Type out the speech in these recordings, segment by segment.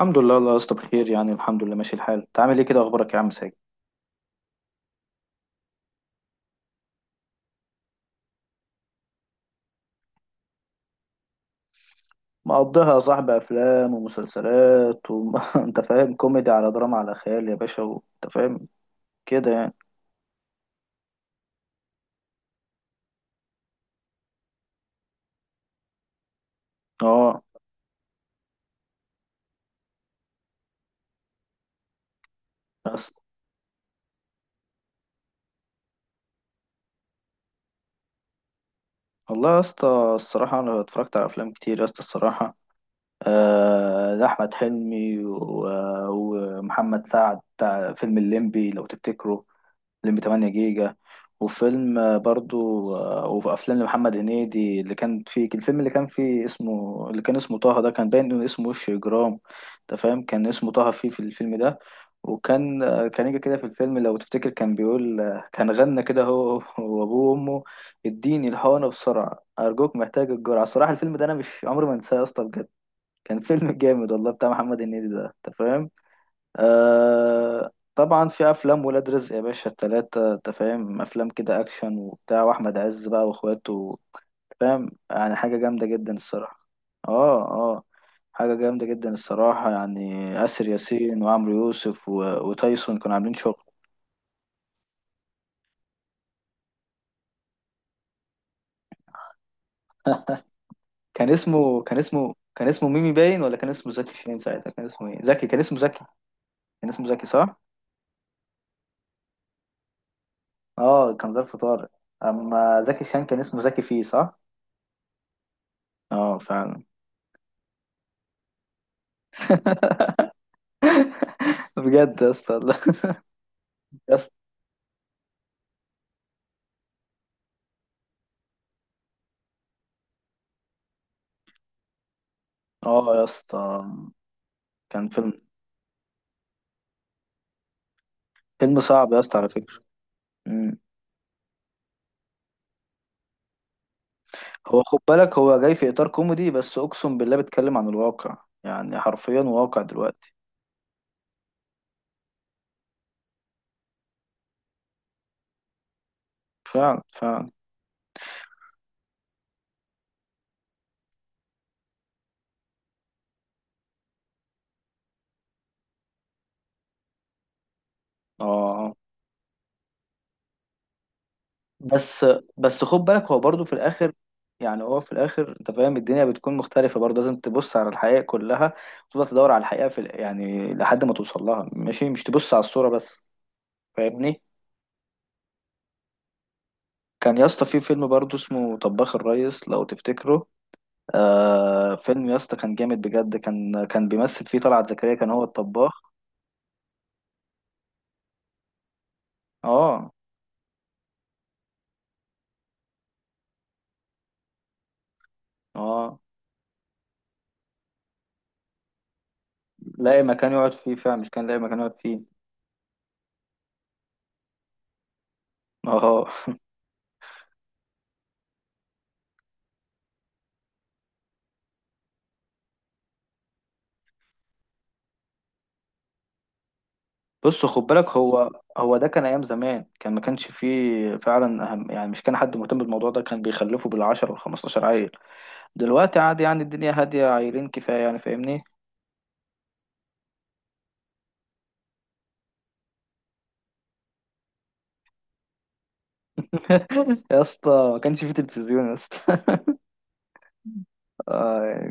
الحمد لله يا اسطى بخير، يعني الحمد لله ماشي الحال. انت عامل ايه كده؟ اخبارك يا عم ساجد؟ مقضيها يا صاحبي، افلام ومسلسلات انت فاهم، كوميدي على دراما على خيال يا باشا، انت فاهم كده يعني. اه بس والله يا اسطى الصراحه انا اتفرجت على افلام كتير يا اسطى الصراحه. ده احمد حلمي ومحمد سعد بتاع فيلم الليمبي لو تفتكره، فيلم 8 جيجا، وفيلم برضو. وافلام لمحمد هنيدي، اللي كان فيه الفيلم اللي كان فيه اسمه، اللي كان اسمه طه، ده كان باين انه اسمه وش اجرام. انت فاهم، كان اسمه طه فيه في الفيلم ده. وكان كان يجي كده في الفيلم لو تفتكر، كان بيقول كان غنى كده هو وابوه وامه: اديني الحقنه بسرعه ارجوك محتاج الجرعه. الصراحه الفيلم ده انا مش عمري ما انساه يا اسطى بجد. كان فيلم جامد والله بتاع محمد هنيدي ده انت فاهم. آه طبعا، في افلام ولاد رزق يا باشا التلاتة، انت فاهم افلام كده اكشن وبتاع، واحمد عز بقى واخواته، فاهم؟ يعني حاجة جامدة جدا الصراحة. اه اه، حاجة جامدة جدا الصراحة، يعني آسر ياسين وعمرو يوسف وتايسون كانوا عاملين شغل. كان اسمه ميمي باين، ولا كان اسمه زكي شين؟ ساعتها كان اسمه ايه؟ زكي، كان اسمه زكي. كان اسمه زكي صح. اه كان ظرف طارق، اما زكي شان كان اسمه زكي فيه صح. اه فعلا. بجد يا اسطى لا. يا اسطى، اه يا اسطى كان فيلم، فيلم صعب يا اسطى على فكرة. مم. هو خد بالك، هو جاي في إطار كوميدي، بس أقسم بالله بيتكلم عن الواقع، يعني حرفيا واقع دلوقتي. فعلا فعلا. اه آه. بس بس خد بالك هو برضو في الآخر، يعني هو في الآخر أنت فاهم الدنيا بتكون مختلفة برضه، لازم تبص على الحقيقة كلها وتفضل تدور على الحقيقة في يعني لحد ما توصل لها ماشي، مش تبص على الصورة بس، فاهمني؟ كان يا اسطى في فيلم برضه اسمه طباخ الريس لو تفتكره، آه فيلم يا اسطى كان جامد بجد، كان بيمثل فيه طلعت زكريا، كان هو الطباخ. اه اه، لاقي مكان يقعد فيه، فعلا مش كان لاقي مكان يقعد فيه. اه بص خد بالك، هو هو ده كان ايام زمان، كان ما كانش فيه فعلا اهم، يعني مش كان حد مهتم بالموضوع ده، كان بيخلفوا بالعشر وال15 عيل. دلوقتي عادي، يعني الدنيا هاديه، عيلين كفايه يعني، فاهمني؟ يا اسطى ما كانش فيه تلفزيون يا اسطى. آه،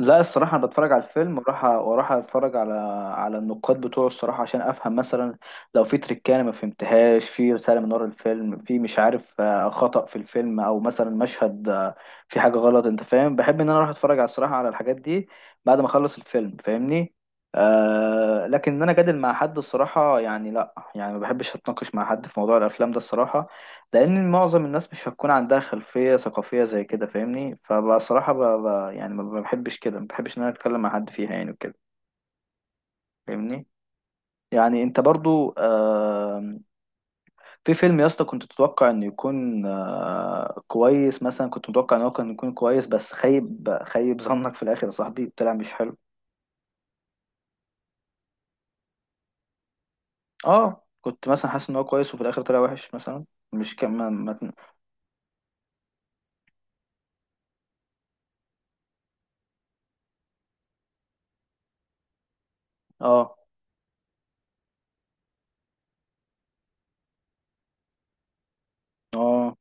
لا الصراحة، أنا بتفرج على الفيلم وأروح أتفرج على على النقاد بتوعه الصراحة عشان أفهم، مثلا لو في تريكة أنا ما فهمتهاش، في رسالة من ورا الفيلم، في مش عارف خطأ في الفيلم أو مثلا مشهد في حاجة غلط، أنت فاهم، بحب إن أنا أروح أتفرج على الصراحة على الحاجات دي بعد ما أخلص الفيلم، فاهمني. آه لكن إن أنا جادل مع حد الصراحة يعني لا، يعني ما بحبش أتناقش مع حد في موضوع الأفلام ده الصراحة، لان معظم الناس مش هتكون عندها خلفيه ثقافيه زي كده، فاهمني. فبصراحه يعني ما بحبش ان انا اتكلم مع حد فيها يعني وكده، فاهمني. يعني انت برضو في فيلم يا اسطى كنت تتوقع انه يكون كويس، مثلا كنت متوقع ان هو كان يكون كويس، بس خيب ظنك في الاخر يا صاحبي، طلع مش حلو. اه كنت مثلا حاسس ان هو كويس وفي الاخر طلع وحش مثلا، مش كم ما... ما... اه اه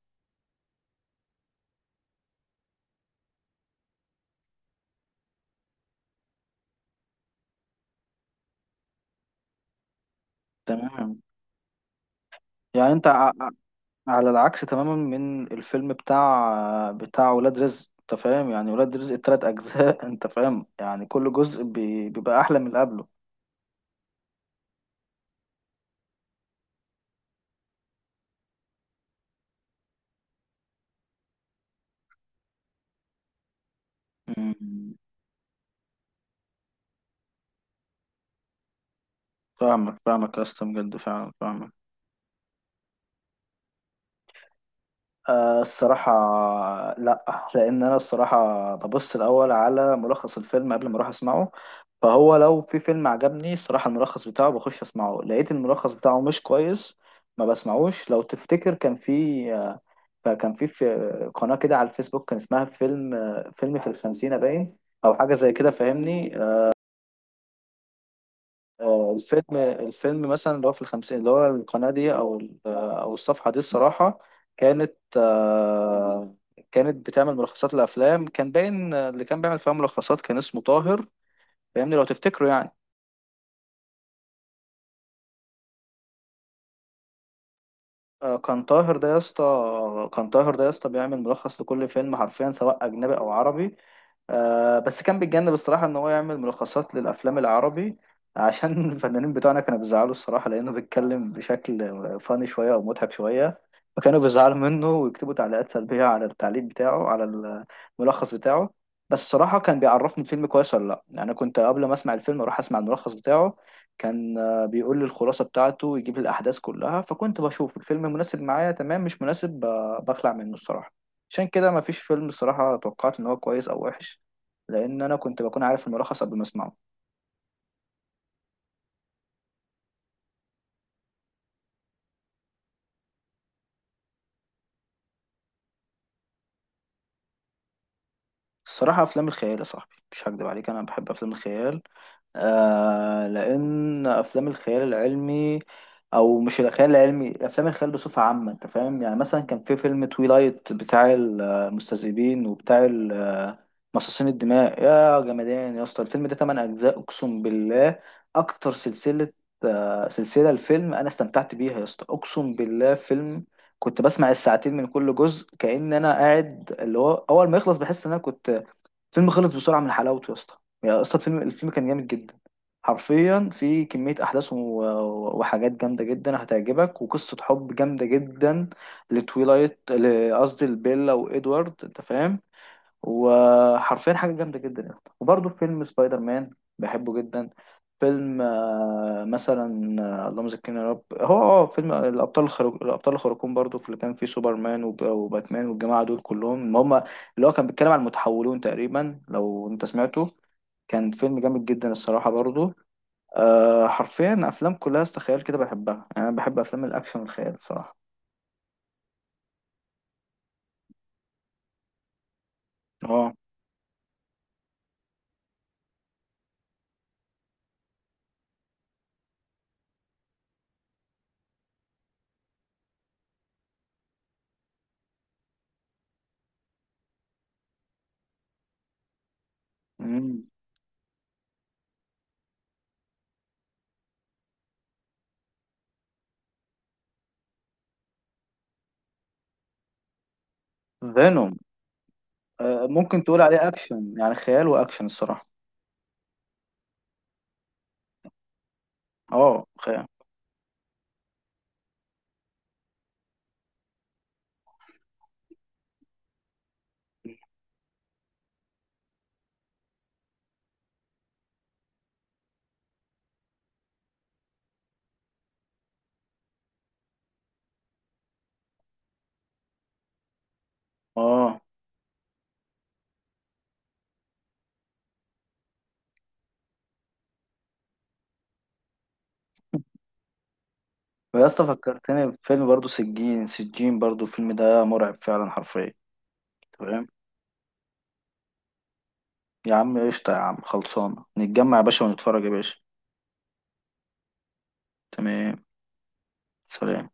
تمام. يعني انت على العكس تماما من الفيلم بتاع ولاد رزق، انت فاهم يعني، ولاد رزق التلات اجزاء انت فاهم يعني، كل جزء بيبقى احلى من اللي قبله. أمم، فاهمك يا اسطى بجد، فعلا فاهمك. آه الصراحة لا، لأن أنا الصراحة ببص الأول على ملخص الفيلم قبل ما أروح أسمعه، فهو لو في فيلم عجبني الصراحة الملخص بتاعه بخش أسمعه، لقيت الملخص بتاعه مش كويس ما بسمعوش. لو تفتكر كان في، فكان في قناة كده على الفيسبوك كان اسمها فيلم، فيلم في الخمسينة باين، أو حاجة زي كده فاهمني. الفيلم الفيلم مثلا اللي هو في الخمسين، اللي هو القناة دي أو أو الصفحة دي الصراحة، كانت كانت بتعمل ملخصات الأفلام، كان باين اللي كان بيعمل فيها ملخصات كان اسمه طاهر، فاهمني لو تفتكره يعني. كان طاهر ده يا اسطى، كان طاهر ده يا اسطى بيعمل ملخص لكل فيلم حرفيا، سواء أجنبي أو عربي. بس كان بيتجنب الصراحة إن هو يعمل ملخصات للأفلام العربي، عشان الفنانين بتوعنا كانوا بيزعلوا الصراحة، لأنه بيتكلم بشكل فاني شوية أو مضحك شوية، فكانوا بيزعلوا منه ويكتبوا تعليقات سلبية على التعليق بتاعه على الملخص بتاعه. بس الصراحة كان بيعرفني الفيلم كويس ولا لأ، يعني أنا كنت قبل ما أسمع الفيلم أروح أسمع الملخص بتاعه، كان بيقول لي الخلاصة بتاعته ويجيب لي الأحداث كلها، فكنت بشوف الفيلم مناسب معايا تمام مش مناسب، بخلع منه الصراحة. عشان كده مفيش فيلم الصراحة توقعت إن هو كويس أو وحش، لان انا كنت بكون عارف الملخص قبل ما اسمعه. الصراحه افلام الخيال يا صاحبي، مش هكدب عليك انا بحب افلام الخيال، آه لأن أفلام الخيال العلمي، أو مش الخيال العلمي، أفلام الخيال بصفة عامة أنت فاهم يعني. مثلا كان في فيلم تويلايت بتاع المستذئبين وبتاع مصاصين الدماء، يا جمدان يا اسطى الفيلم ده، تمن أجزاء أقسم بالله، أكتر سلسلة، سلسلة الفيلم أنا استمتعت بيها يا اسطى أقسم بالله. فيلم كنت بسمع الساعتين من كل جزء كأن أنا قاعد، اللي هو أول ما يخلص بحس إن أنا كنت، الفيلم خلص بسرعه من حلاوته يا اسطى. يا اسطى الفيلم الفيلم كان جامد جدا، حرفيا في كميه احداث وحاجات جامده جدا هتعجبك، وقصه حب جامده جدا لتويلايت، قصدي لبيلا وادوارد انت فاهم، وحرفيا حاجة جامدة جدا يعني. وبرضه فيلم سبايدر مان بحبه جدا. فيلم مثلا اللهم ذكرنا يا رب، هو اه فيلم الابطال الخارق، الابطال الخارقون برضو، في اللي كان فيه سوبرمان وباتمان والجماعه دول كلهم، ما هم اللي هو كان بيتكلم عن المتحولون تقريبا لو انت سمعته، كان فيلم جامد جدا الصراحه برضو. أه حرفيا افلام كلها استخيال كده بحبها، يعني انا بحب افلام الاكشن والخيال الصراحه. اه فينوم. أه ممكن تقول عليه اكشن، يعني خيال واكشن الصراحه. اه اه. ويا اسطى فكرتني بفيلم برضه، سجين برضه الفيلم ده مرعب فعلا حرفيا. تمام، يا عم قشطة، يا عم خلصانة، نتجمع يا باشا ونتفرج يا باشا. تمام، سلام.